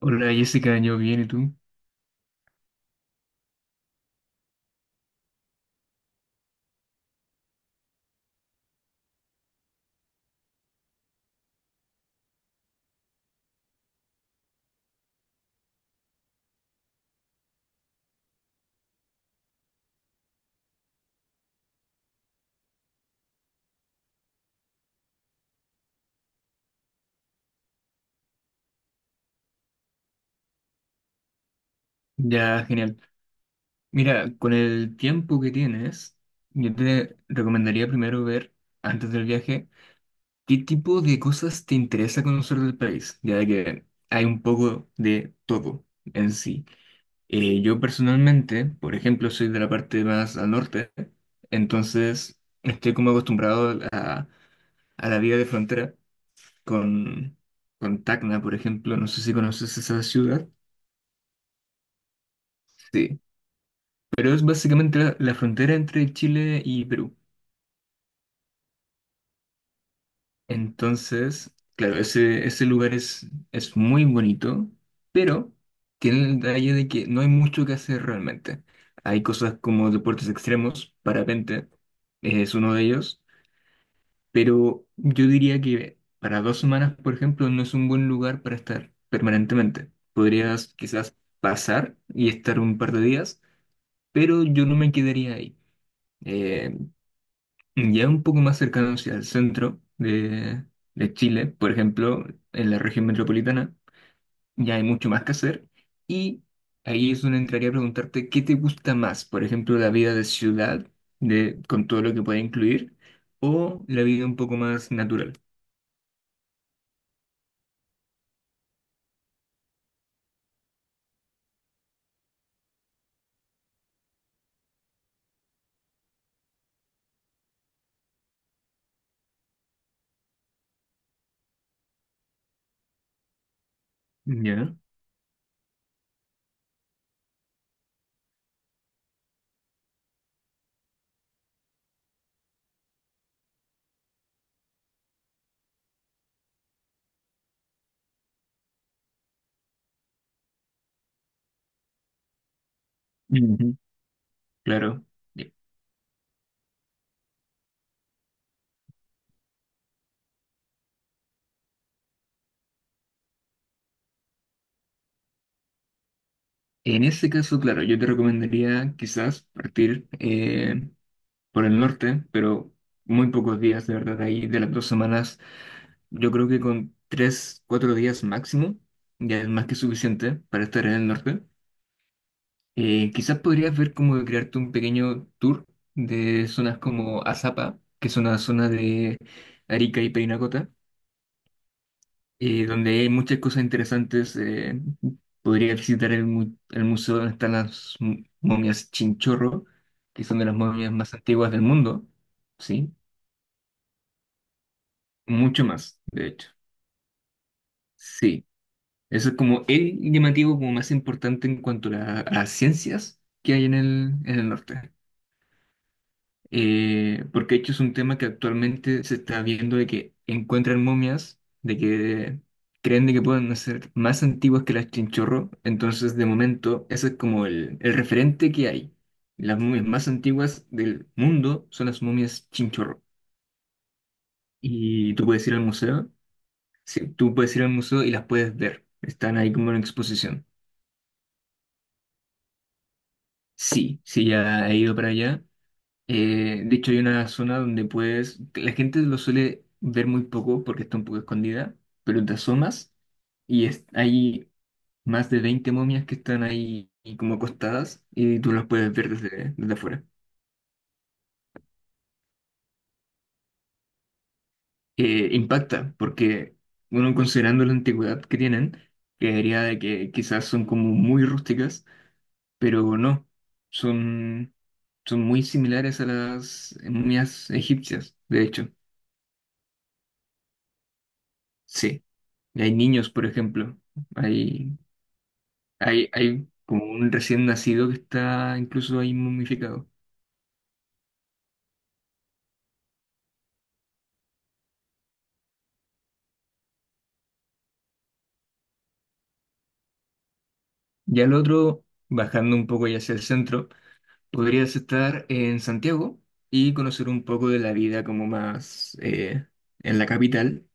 Hola Jessica, yo bien, ¿y tú? Ya, genial. Mira, con el tiempo que tienes, yo te recomendaría primero ver, antes del viaje, qué tipo de cosas te interesa conocer del país, ya de que hay un poco de todo en sí. Yo personalmente, por ejemplo, soy de la parte más al norte, entonces estoy como acostumbrado a la vida de frontera con, con Tacna, por ejemplo, no sé si conoces esa ciudad. Sí. Pero es básicamente la frontera entre Chile y Perú. Entonces, claro, ese lugar es muy bonito, pero tiene el detalle de que no hay mucho que hacer realmente. Hay cosas como deportes extremos, parapente, es uno de ellos, pero yo diría que para 2 semanas, por ejemplo, no es un buen lugar para estar permanentemente. Podrías quizás pasar y estar un par de días, pero yo no me quedaría ahí. Eh, Ya un poco más cercano hacia el centro de Chile, por ejemplo, en la región metropolitana, ya hay mucho más que hacer. Y ahí es donde entraría a preguntarte qué te gusta más, por ejemplo, la vida de ciudad, de, con todo lo que puede incluir, o la vida un poco más natural. Ya. Ujú. Claro. Ya. En ese caso, claro, yo te recomendaría quizás partir por el norte, pero muy pocos días, de verdad, ahí de las 2 semanas. Yo creo que con 3, 4 días máximo ya es más que suficiente para estar en el norte. Quizás podrías ver cómo de crearte un pequeño tour de zonas como Azapa, que es una zona de Arica y Parinacota, donde hay muchas cosas interesantes. Podrías visitar el museo donde están las momias Chinchorro, que son de las momias más antiguas del mundo, ¿sí? Mucho más, de hecho. Sí. Eso es como el llamativo como más importante en cuanto a a las ciencias que hay en el norte. Porque de hecho es un tema que actualmente se está viendo de que encuentran momias, de que creen de que pueden ser más antiguas que las chinchorro. Entonces, de momento, ese es como el referente que hay. Las momias más antiguas del mundo son las momias chinchorro. Y tú puedes ir al museo, sí, tú puedes ir al museo y las puedes ver. Están ahí como en exposición. Sí, sí, ya he ido para allá. De hecho, hay una zona donde puedes, que la gente lo suele ver muy poco porque está un poco escondida, pero te asomas y hay más de 20 momias que están ahí y como acostadas y tú las puedes ver desde, desde afuera. Impacta porque, bueno, considerando la antigüedad que tienen, creería de que quizás son como muy rústicas, pero no, son, son muy similares a las momias egipcias, de hecho. Sí, hay niños, por ejemplo. Hay, hay como un recién nacido que está incluso ahí momificado. Ya el otro, bajando un poco ya hacia el centro, podrías estar en Santiago y conocer un poco de la vida como más en la capital.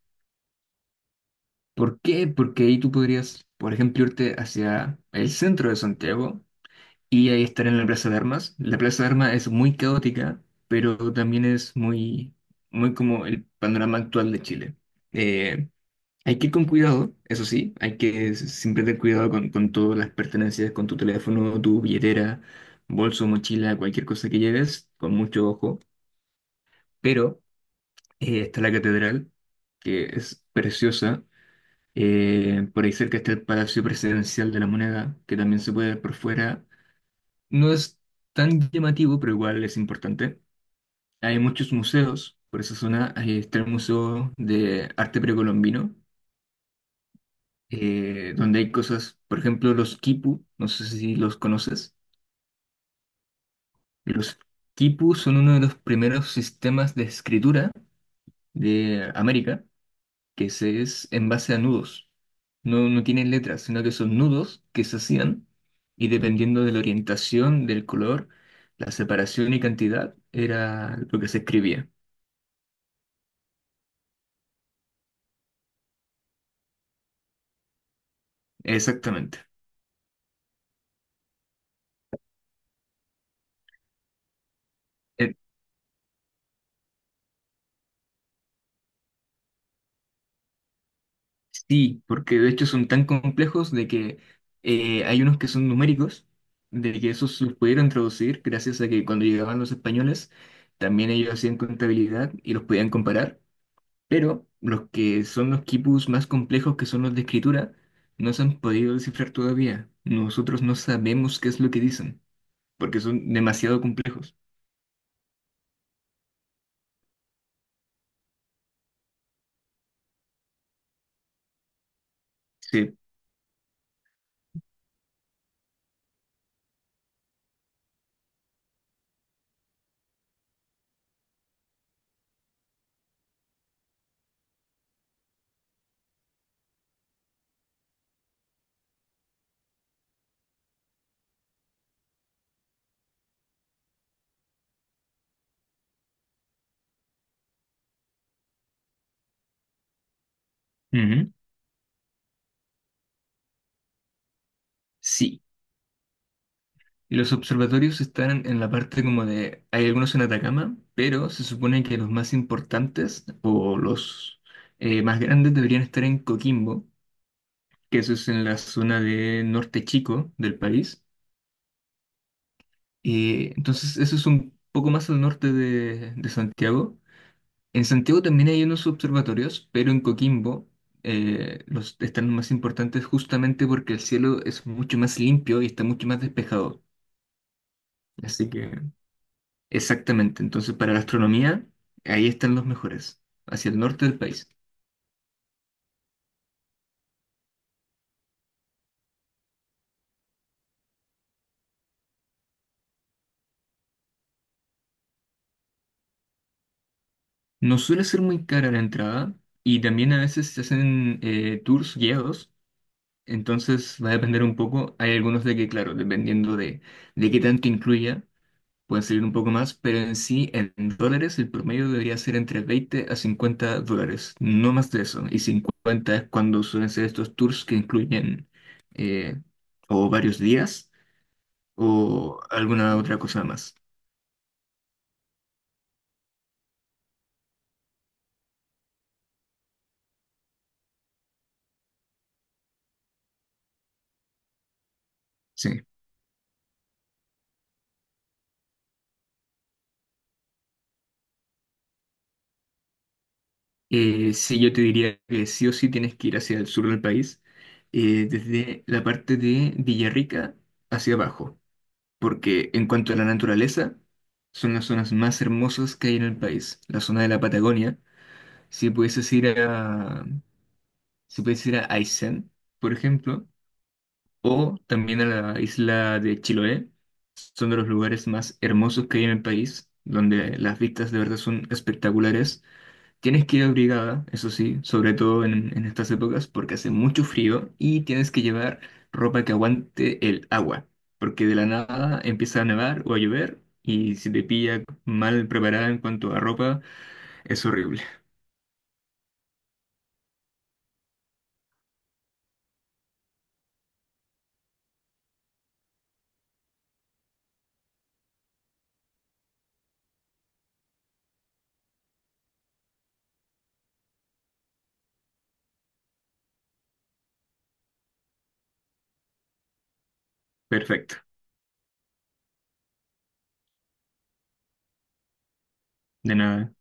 ¿Por qué? Porque ahí tú podrías, por ejemplo, irte hacia el centro de Santiago y ahí estar en la Plaza de Armas. La Plaza de Armas es muy caótica, pero también es muy como el panorama actual de Chile. Eh, hay que ir con cuidado, eso sí, hay que siempre tener cuidado con todas las pertenencias, con tu teléfono, tu billetera, bolso, mochila, cualquier cosa que lleves, con mucho ojo. Pero está la catedral, que es preciosa. Por ahí cerca está el Palacio Presidencial de la Moneda, que también se puede ver por fuera. No es tan llamativo, pero igual es importante. Hay muchos museos, por esa zona ahí está el Museo de Arte Precolombino, donde hay cosas, por ejemplo, los quipu, no sé si los conoces. Los quipu son uno de los primeros sistemas de escritura de América, que se es en base a nudos. No, no tienen letras, sino que son nudos que se hacían y dependiendo de la orientación, del color, la separación y cantidad, era lo que se escribía. Exactamente. Eh, sí, porque de hecho son tan complejos de que hay unos que son numéricos, de que esos los pudieron traducir gracias a que cuando llegaban los españoles, también ellos hacían contabilidad y los podían comparar, pero los que son los quipus más complejos, que son los de escritura, no se han podido descifrar todavía. Nosotros no sabemos qué es lo que dicen, porque son demasiado complejos. Sí. Ujú. Sí, y los observatorios están en la parte como de, hay algunos en Atacama, pero se supone que los más importantes o los más grandes deberían estar en Coquimbo, que eso es en la zona de Norte Chico del país. Entonces eso es un poco más al norte de Santiago. En Santiago también hay unos observatorios, pero en Coquimbo los están más importantes justamente porque el cielo es mucho más limpio y está mucho más despejado. Así que... Exactamente, entonces para la astronomía, ahí están los mejores, hacia el norte del país. No suele ser muy cara la entrada y también a veces se hacen tours guiados, entonces va a depender un poco. Hay algunos de que, claro, dependiendo de qué tanto incluya, pueden salir un poco más, pero en sí, en dólares, el promedio debería ser entre 20 a 50 dólares, no más de eso. Y 50 es cuando suelen ser estos tours que incluyen eh, o varios días o alguna otra cosa más. Sí. Sí, yo te diría que sí o sí tienes que ir hacia el sur del país, desde la parte de Villarrica hacia abajo, porque en cuanto a la naturaleza, son las zonas más hermosas que hay en el país. La zona de la Patagonia, si pudieses ir a, si pudieses ir a Aysén, por ejemplo, o también a la isla de Chiloé, son de los lugares más hermosos que hay en el país, donde las vistas de verdad son espectaculares. Tienes que ir abrigada, eso sí, sobre todo en estas épocas, porque hace mucho frío y tienes que llevar ropa que aguante el agua, porque de la nada empieza a nevar o a llover y si te pilla mal preparada en cuanto a ropa, es horrible. Perfecto, de nada.